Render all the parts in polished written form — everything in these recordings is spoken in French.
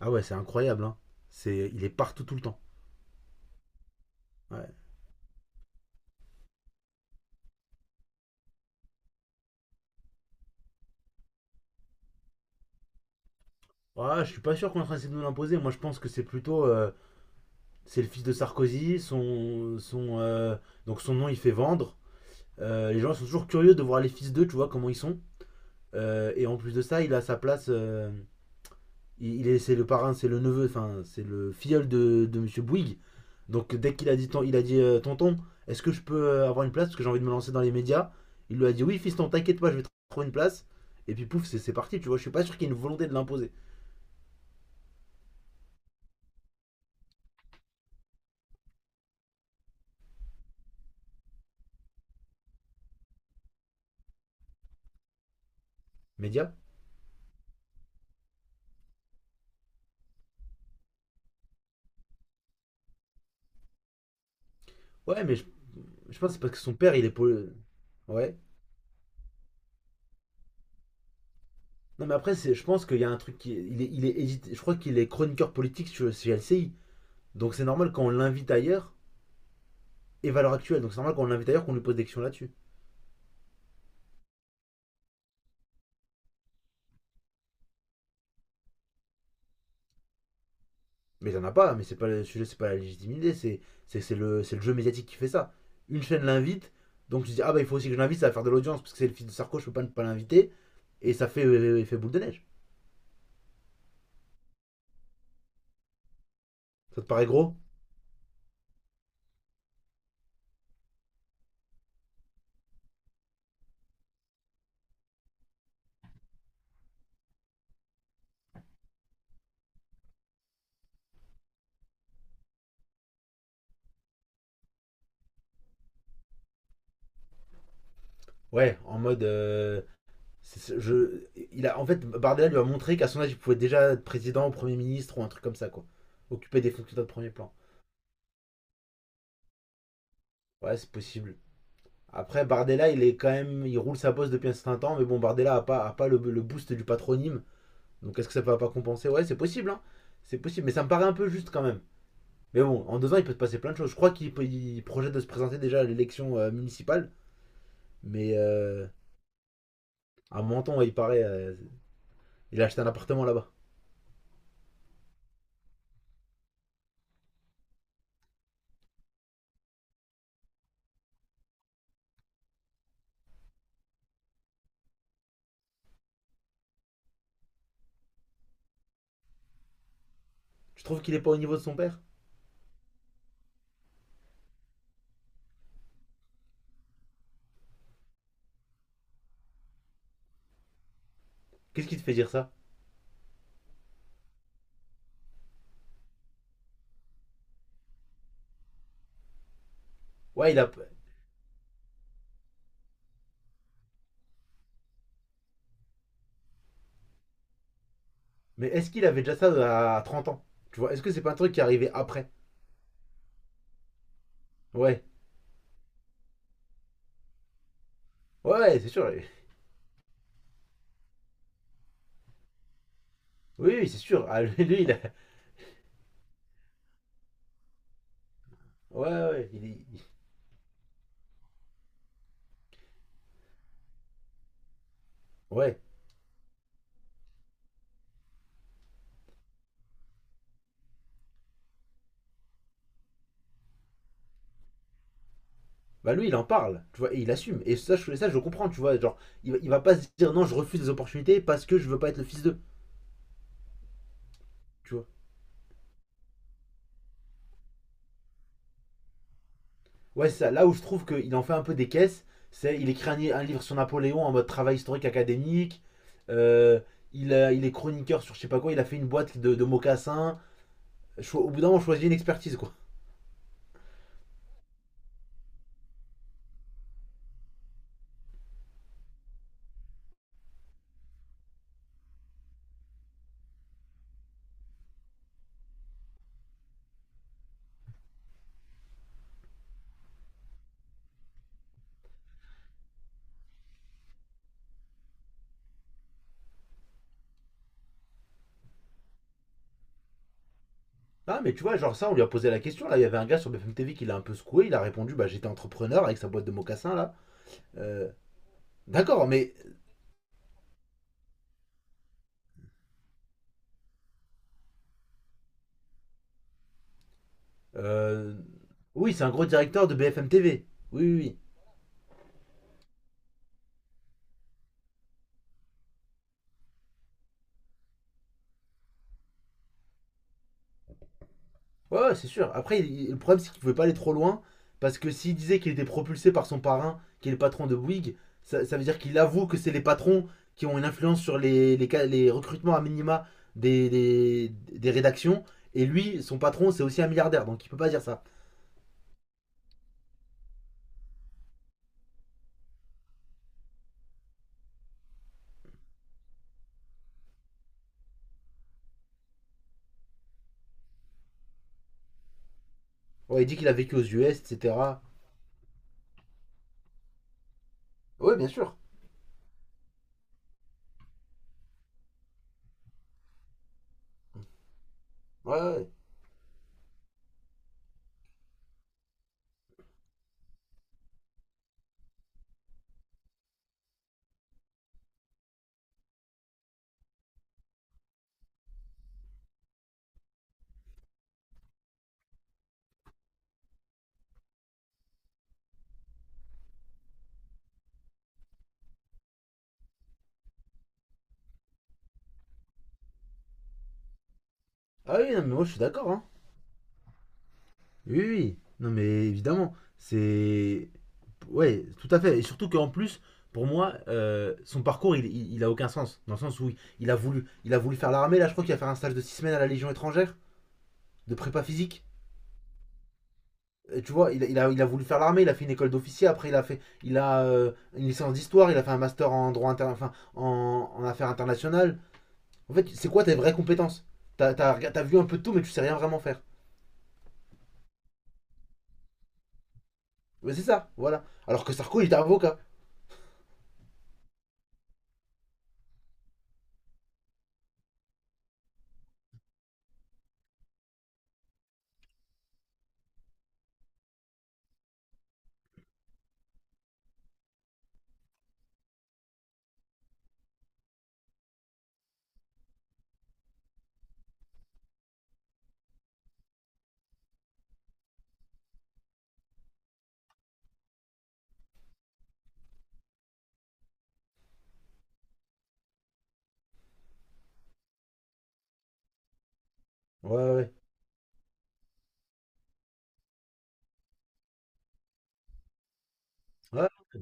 Ah ouais, c'est incroyable. Hein. Il est partout tout le temps. Ouais. Ah, je suis pas sûr qu'on est en train d'essayer de nous l'imposer. Moi, je pense que c'est plutôt, c'est le fils de Sarkozy. Son, donc son nom, il fait vendre. Les gens sont toujours curieux de voir les fils d'eux, tu vois comment ils sont. Et en plus de ça, il a sa place. C'est le parrain, c'est le neveu, enfin, c'est le filleul de Monsieur Bouygues. Donc dès qu'il a dit tonton, est-ce que je peux avoir une place parce que j'ai envie de me lancer dans les médias. Il lui a dit oui, fiston, t'inquiète pas, je vais te trouver une place. Et puis pouf, c'est parti, tu vois. Je suis pas sûr qu'il y ait une volonté de l'imposer. Média. Ouais, mais je pense que c'est parce que son père, il est poli-. Ouais. Non, mais après, je pense qu'il y a un truc qui. Il est édité-. Je crois qu'il est chroniqueur politique chez LCI. Donc c'est normal quand on l'invite ailleurs et Valeur Actuelle. Donc c'est normal quand on l'invite ailleurs qu'on lui pose des questions là-dessus. Mais il en a pas, mais c'est pas le sujet, c'est pas la légitimité, c'est le jeu médiatique qui fait ça. Une chaîne l'invite, donc tu dis ah bah il faut aussi que je l'invite, ça va faire de l'audience parce que c'est le fils de Sarko, je peux pas ne pas l'inviter, et ça fait effet boule de neige. Ça te paraît gros? Ouais, en mode je il a en fait Bardella lui a montré qu'à son âge il pouvait déjà être président, premier ministre ou un truc comme ça quoi, occuper des fonctions de premier plan. Ouais, c'est possible. Après Bardella, il est quand même il roule sa bosse depuis un certain temps, mais bon Bardella a pas le boost du patronyme. Donc est-ce que ça va pas compenser? Ouais, c'est possible, hein. C'est possible, mais ça me paraît un peu juste quand même. Mais bon, en 2 ans, il peut se passer plein de choses. Je crois qu'il il projette de se présenter déjà à l'élection municipale, mais à Menton, ouais, il paraît, il a acheté un appartement là-bas. Tu trouves qu'il est pas au niveau de son père? Qu'est-ce qui te fait dire ça? Ouais, il a. Mais est-ce qu'il avait déjà ça à 30 ans? Tu vois, est-ce que c'est pas un truc qui est arrivé après? Ouais, ouais, c'est sûr. Oui, oui, c'est sûr. Ah, lui, il a. Ouais, ouais, il est. Ouais. Bah lui il en parle, tu vois, et il assume. Et ça, je comprends, tu vois, genre, il va pas se dire non, je refuse les opportunités parce que je veux pas être le fils d'eux, tu vois. Ouais, c'est ça, là où je trouve qu'il en fait un peu des caisses, c'est il écrit un livre sur Napoléon en mode travail historique académique, euh, il est chroniqueur sur je sais pas quoi, il a fait une boîte de mocassins. Au bout d'un moment, on choisit une expertise, quoi. Ah, mais tu vois, genre ça, on lui a posé la question, là, il y avait un gars sur BFM TV qui l'a un peu secoué, il a répondu, bah j'étais entrepreneur avec sa boîte de mocassins, là. Euh, D'accord, mais euh, Oui, c'est un gros directeur de BFM TV. Oui, oui, oui. Ouais, ouais, c'est sûr. Après, le problème, c'est qu'il pouvait pas aller trop loin, parce que s'il disait qu'il était propulsé par son parrain, qui est le patron de Bouygues, ça veut dire qu'il avoue que c'est les patrons qui ont une influence sur les recrutements à minima des rédactions, et lui, son patron, c'est aussi un milliardaire, donc il peut pas dire ça. Ouais, il dit qu'il a vécu aux US, etc. Ouais, bien sûr. Ouais, ouais. Ouais. Ah oui, non, mais moi, je suis d'accord, hein. Oui, oui, oui. Non mais évidemment, c'est. Ouais, tout à fait. Et surtout qu'en plus, pour moi, son parcours, il a aucun sens. Dans le sens où il a voulu faire l'armée, là je crois qu'il va faire un stage de 6 semaines à la Légion étrangère, de prépa physique. Tu vois, il a voulu faire l'armée, il a fait une école d'officier, après il a une licence d'histoire, il a fait un master en enfin, en affaires internationales. En fait, c'est quoi tes vraies compétences? T'as vu un peu de tout, mais tu sais rien vraiment faire. Mais c'est ça, voilà. Alors que Sarko, il était avocat. Ouais, ouais. Ouais. Ouais.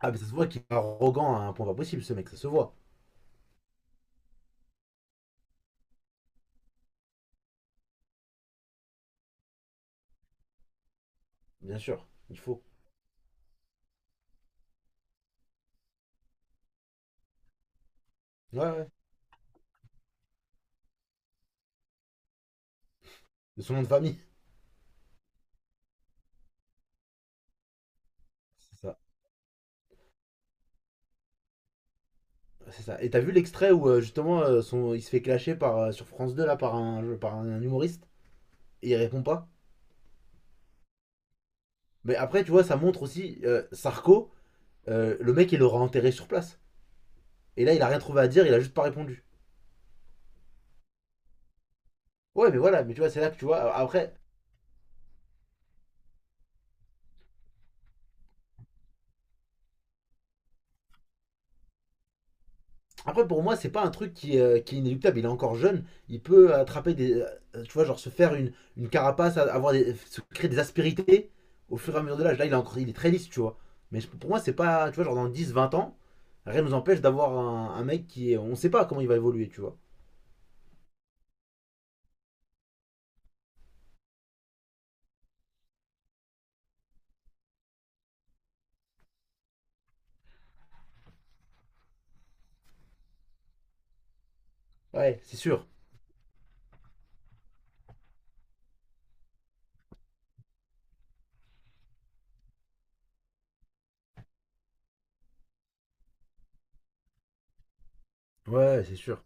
Ah, mais ça se voit qu'il est arrogant à un point pas possible, ce mec, ça se voit. Bien sûr, il faut. Ouais, ouais. De son nom de famille. C'est ça. C'est ça. Et t'as vu l'extrait où justement son... il se fait clasher par, sur France 2 là, par un humoriste et il répond pas? Mais après, tu vois, ça montre aussi Sarko, le mec il l'aura enterré sur place. Et là, il a rien trouvé à dire, il a juste pas répondu. Ouais, mais voilà, mais tu vois, c'est là que tu vois. Après, après, pour moi, c'est pas un truc qui est inéluctable. Il est encore jeune. Il peut attraper des. Tu vois, genre se faire une carapace, se créer des aspérités au fur et à mesure de l'âge. Là, il est, encore, il est très lisse, tu vois. Mais pour moi, c'est pas. Tu vois, genre dans 10 20 ans, rien nous empêche d'avoir un mec qui est. On sait pas comment il va évoluer, tu vois. Ouais, c'est sûr. Ouais, c'est sûr.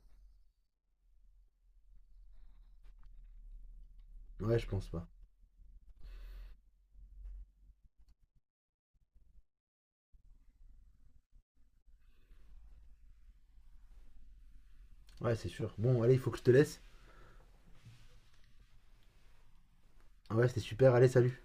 Ouais, je pense pas. Ouais, c'est sûr. Bon, allez, il faut que je te laisse. Ouais, c'était super. Allez, salut.